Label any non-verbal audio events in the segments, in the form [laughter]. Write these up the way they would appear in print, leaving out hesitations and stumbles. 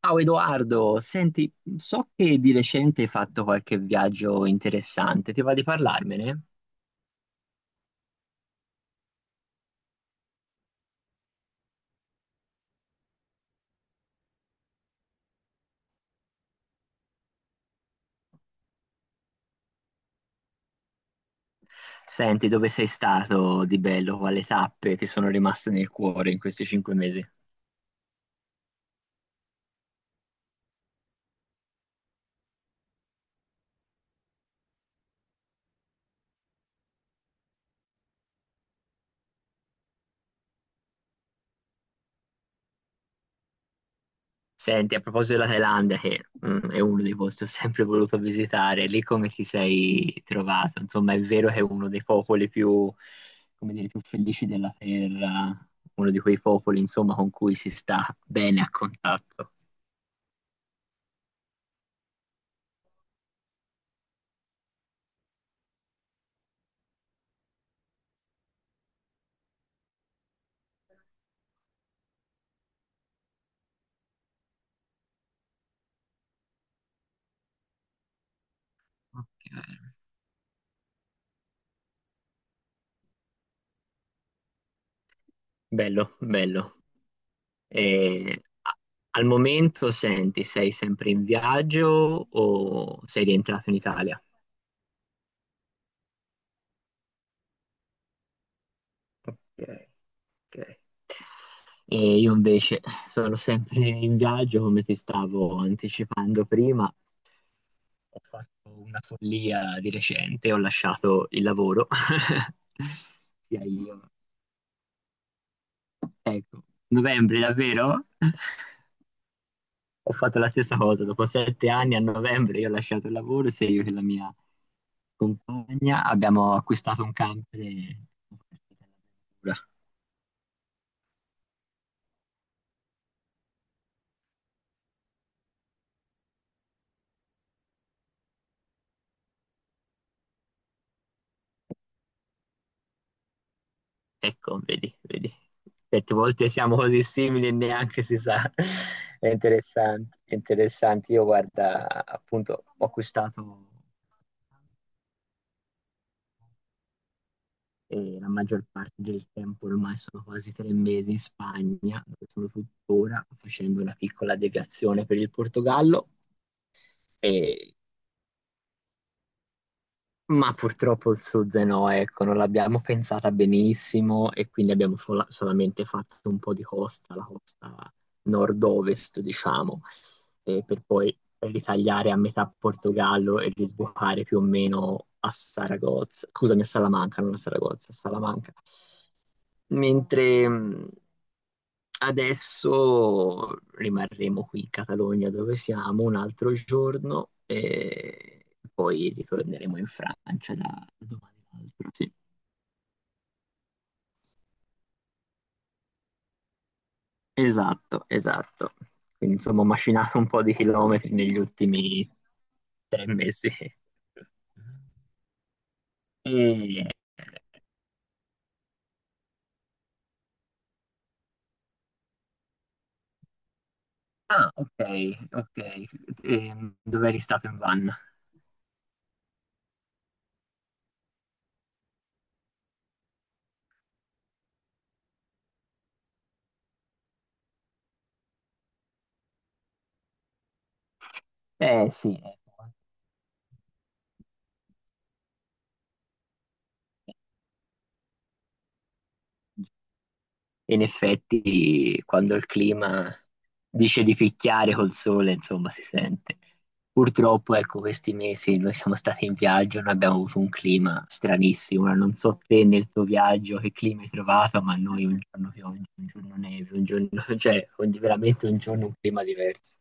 Ciao Edoardo, senti, so che di recente hai fatto qualche viaggio interessante, ti va di parlarmene? Senti, dove sei stato di bello, quali tappe ti sono rimaste nel cuore in questi 5 mesi? Senti, a proposito della Thailandia, che è uno dei posti che ho sempre voluto visitare, lì come ti sei trovato? Insomma, è vero che è uno dei popoli più, come dire, più felici della terra, uno di quei popoli, insomma, con cui si sta bene a contatto. Ok. Bello, bello. E al momento, senti, sei sempre in viaggio o sei rientrato in Italia? Ok, ok. E io invece sono sempre in viaggio, come ti stavo anticipando prima. Ho fatto una follia di recente, ho lasciato il lavoro. [laughs] Sia io. Ecco, novembre davvero? [laughs] Ho fatto la stessa cosa, dopo 7 anni a novembre io ho lasciato il lavoro, sia io che la mia compagna abbiamo acquistato un camper e all'avventura. Ecco, vedi, vedi. Certe volte siamo così simili e neanche si sa. [laughs] È interessante, è interessante. Io guarda, appunto, ho acquistato e la maggior parte del tempo, ormai sono quasi 3 mesi in Spagna, dove sono tuttora facendo una piccola deviazione per il Portogallo e Ma purtroppo il sud no, ecco, non l'abbiamo pensata benissimo e quindi abbiamo solamente fatto un po' di costa, la costa nord-ovest, diciamo, per poi ritagliare a metà Portogallo e risbucare più o meno a Saragozza, scusami, a Salamanca, non a Saragozza, a Salamanca. Mentre adesso rimarremo qui in Catalogna dove siamo un altro giorno e poi ritorneremo in Francia da domani all'altro. Sì, esatto, esatto. Quindi insomma ho macinato un po' di chilometri negli ultimi 3 mesi. E- Ah, ok, ok. Dove eri stato in van? Eh sì, ecco. In effetti quando il clima dice di picchiare col sole, insomma, si sente. Purtroppo, ecco, questi mesi noi siamo stati in viaggio, noi abbiamo avuto un clima stranissimo. Ora non so te nel tuo viaggio che clima hai trovato, ma noi un giorno pioggia, un giorno neve, un giorno, [laughs] cioè veramente un giorno un clima diverso.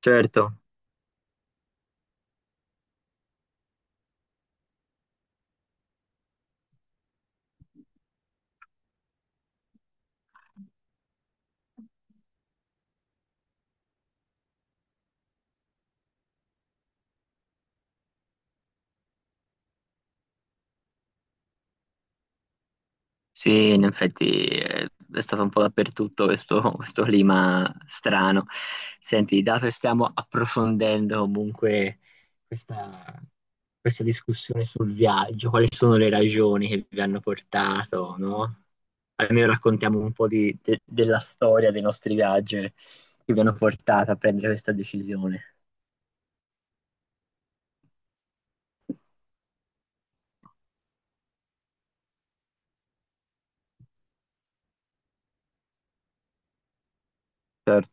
Certo. Sì, in effetti è stato un po' dappertutto questo, [laughs] questo clima strano. Senti, dato che stiamo approfondendo comunque questa, discussione sul viaggio, quali sono le ragioni che vi hanno portato, no? Almeno raccontiamo un po' della storia dei nostri viaggi che vi hanno portato a prendere questa decisione. Certo.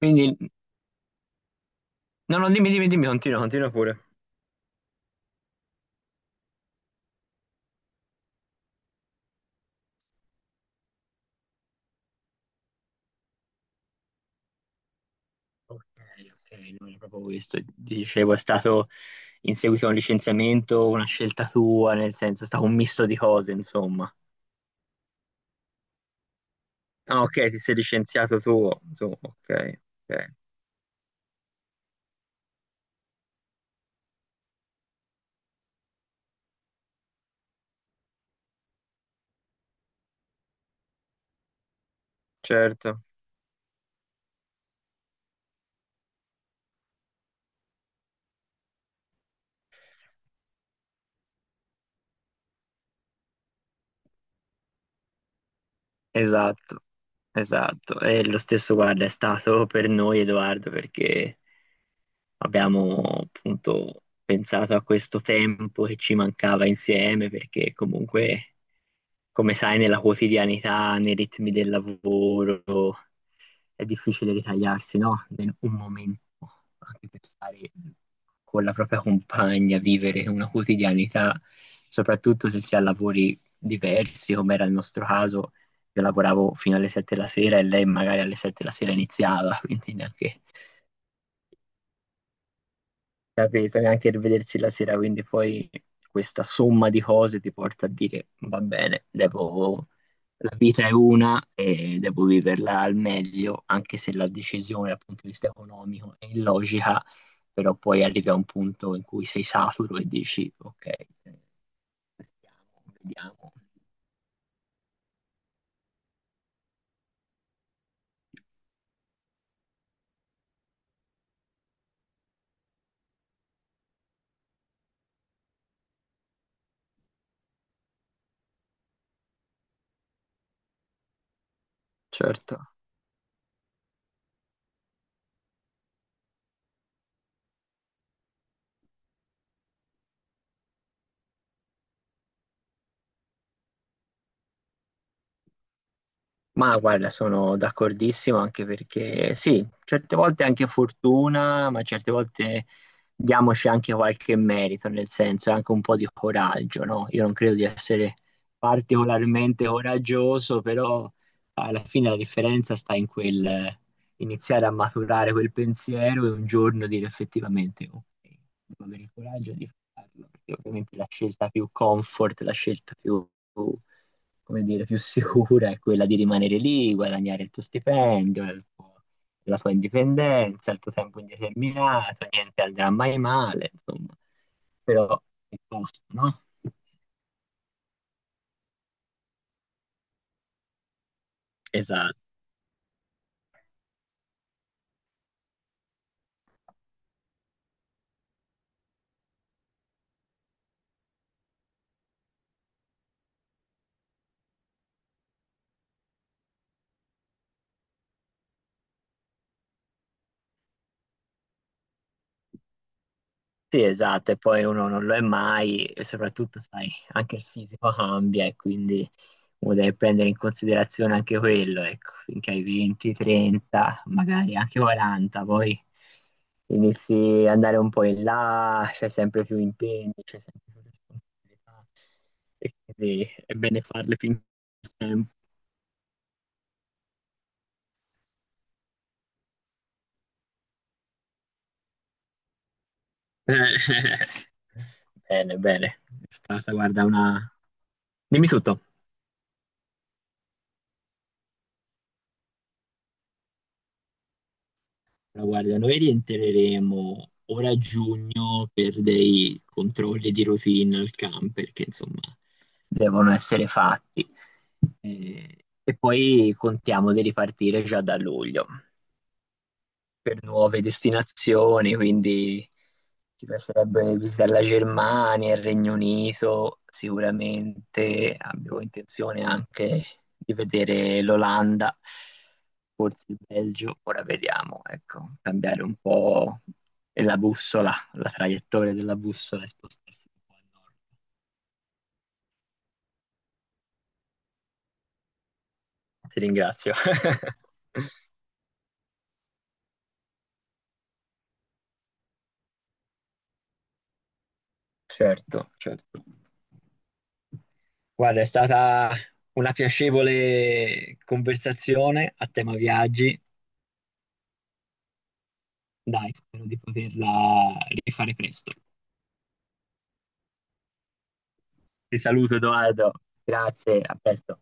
Quindi, no, no, dimmi, dimmi, dimmi, continua, continua pure. Ok, ok, non è proprio questo. Dicevo, è stato in seguito a un licenziamento, una scelta tua, nel senso, è stato un misto di cose, insomma. Ah, ok, ti sei licenziato tu. Tu, ok, ok, certo. Esatto, esatto. E lo stesso, guarda, è stato per noi, Edoardo, perché abbiamo appunto pensato a questo tempo che ci mancava insieme, perché comunque, come sai, nella quotidianità, nei ritmi del lavoro. È difficile ritagliarsi, no? Un momento, anche per stare con la propria compagna, vivere una quotidianità, soprattutto se si ha lavori diversi, come era il nostro caso. Io lavoravo fino alle 7 la sera e lei magari alle 7 la sera iniziava, [laughs] quindi neanche capito, neanche rivedersi la sera, quindi poi questa somma di cose ti porta a dire va bene, devo, la vita è una e devo viverla al meglio, anche se la decisione dal punto di vista economico è illogica, però poi arrivi a un punto in cui sei saturo e dici ok, vediamo, vediamo. Certo. Ma guarda, sono d'accordissimo anche perché sì, certe volte è anche fortuna, ma certe volte diamoci anche qualche merito, nel senso anche un po' di coraggio, no? Io non credo di essere particolarmente coraggioso, però alla fine la differenza sta in quel, iniziare a maturare quel pensiero e un giorno dire effettivamente ok, devo avere il coraggio di farlo, perché ovviamente la scelta più comfort, la scelta più, come dire, più sicura è quella di rimanere lì, guadagnare il tuo stipendio, la tua indipendenza, il tuo tempo indeterminato, niente andrà mai male, insomma, però il costo, no? Esatto. Sì, esatto, e poi uno non lo è mai e soprattutto, sai, anche il fisico cambia e quindi uno deve prendere in considerazione anche quello, ecco, finché hai 20, 30, magari anche 40, poi inizi ad andare un po' in là, c'è sempre più impegni, c'è sempre più responsabilità e quindi è bene farle finché c'è tempo. [laughs] Bene, bene, è stata, guarda, una... Dimmi tutto. Allora, guarda, noi rientreremo ora a giugno per dei controlli di routine al camp, perché insomma devono essere fatti. Eh, E, poi contiamo di ripartire già da luglio per nuove destinazioni, quindi ti piacerebbe visitare la Germania, il Regno Unito, sicuramente abbiamo intenzione anche di vedere l'Olanda, forse il Belgio, ora vediamo, ecco, cambiare un po' la bussola, la traiettoria della bussola e spostarsi un po' a nord. Ti ringrazio. [laughs] Certo, certo. Guarda, è stata una piacevole conversazione a tema viaggi. Dai, spero di poterla rifare presto. Ti saluto, Edoardo. Grazie, a presto.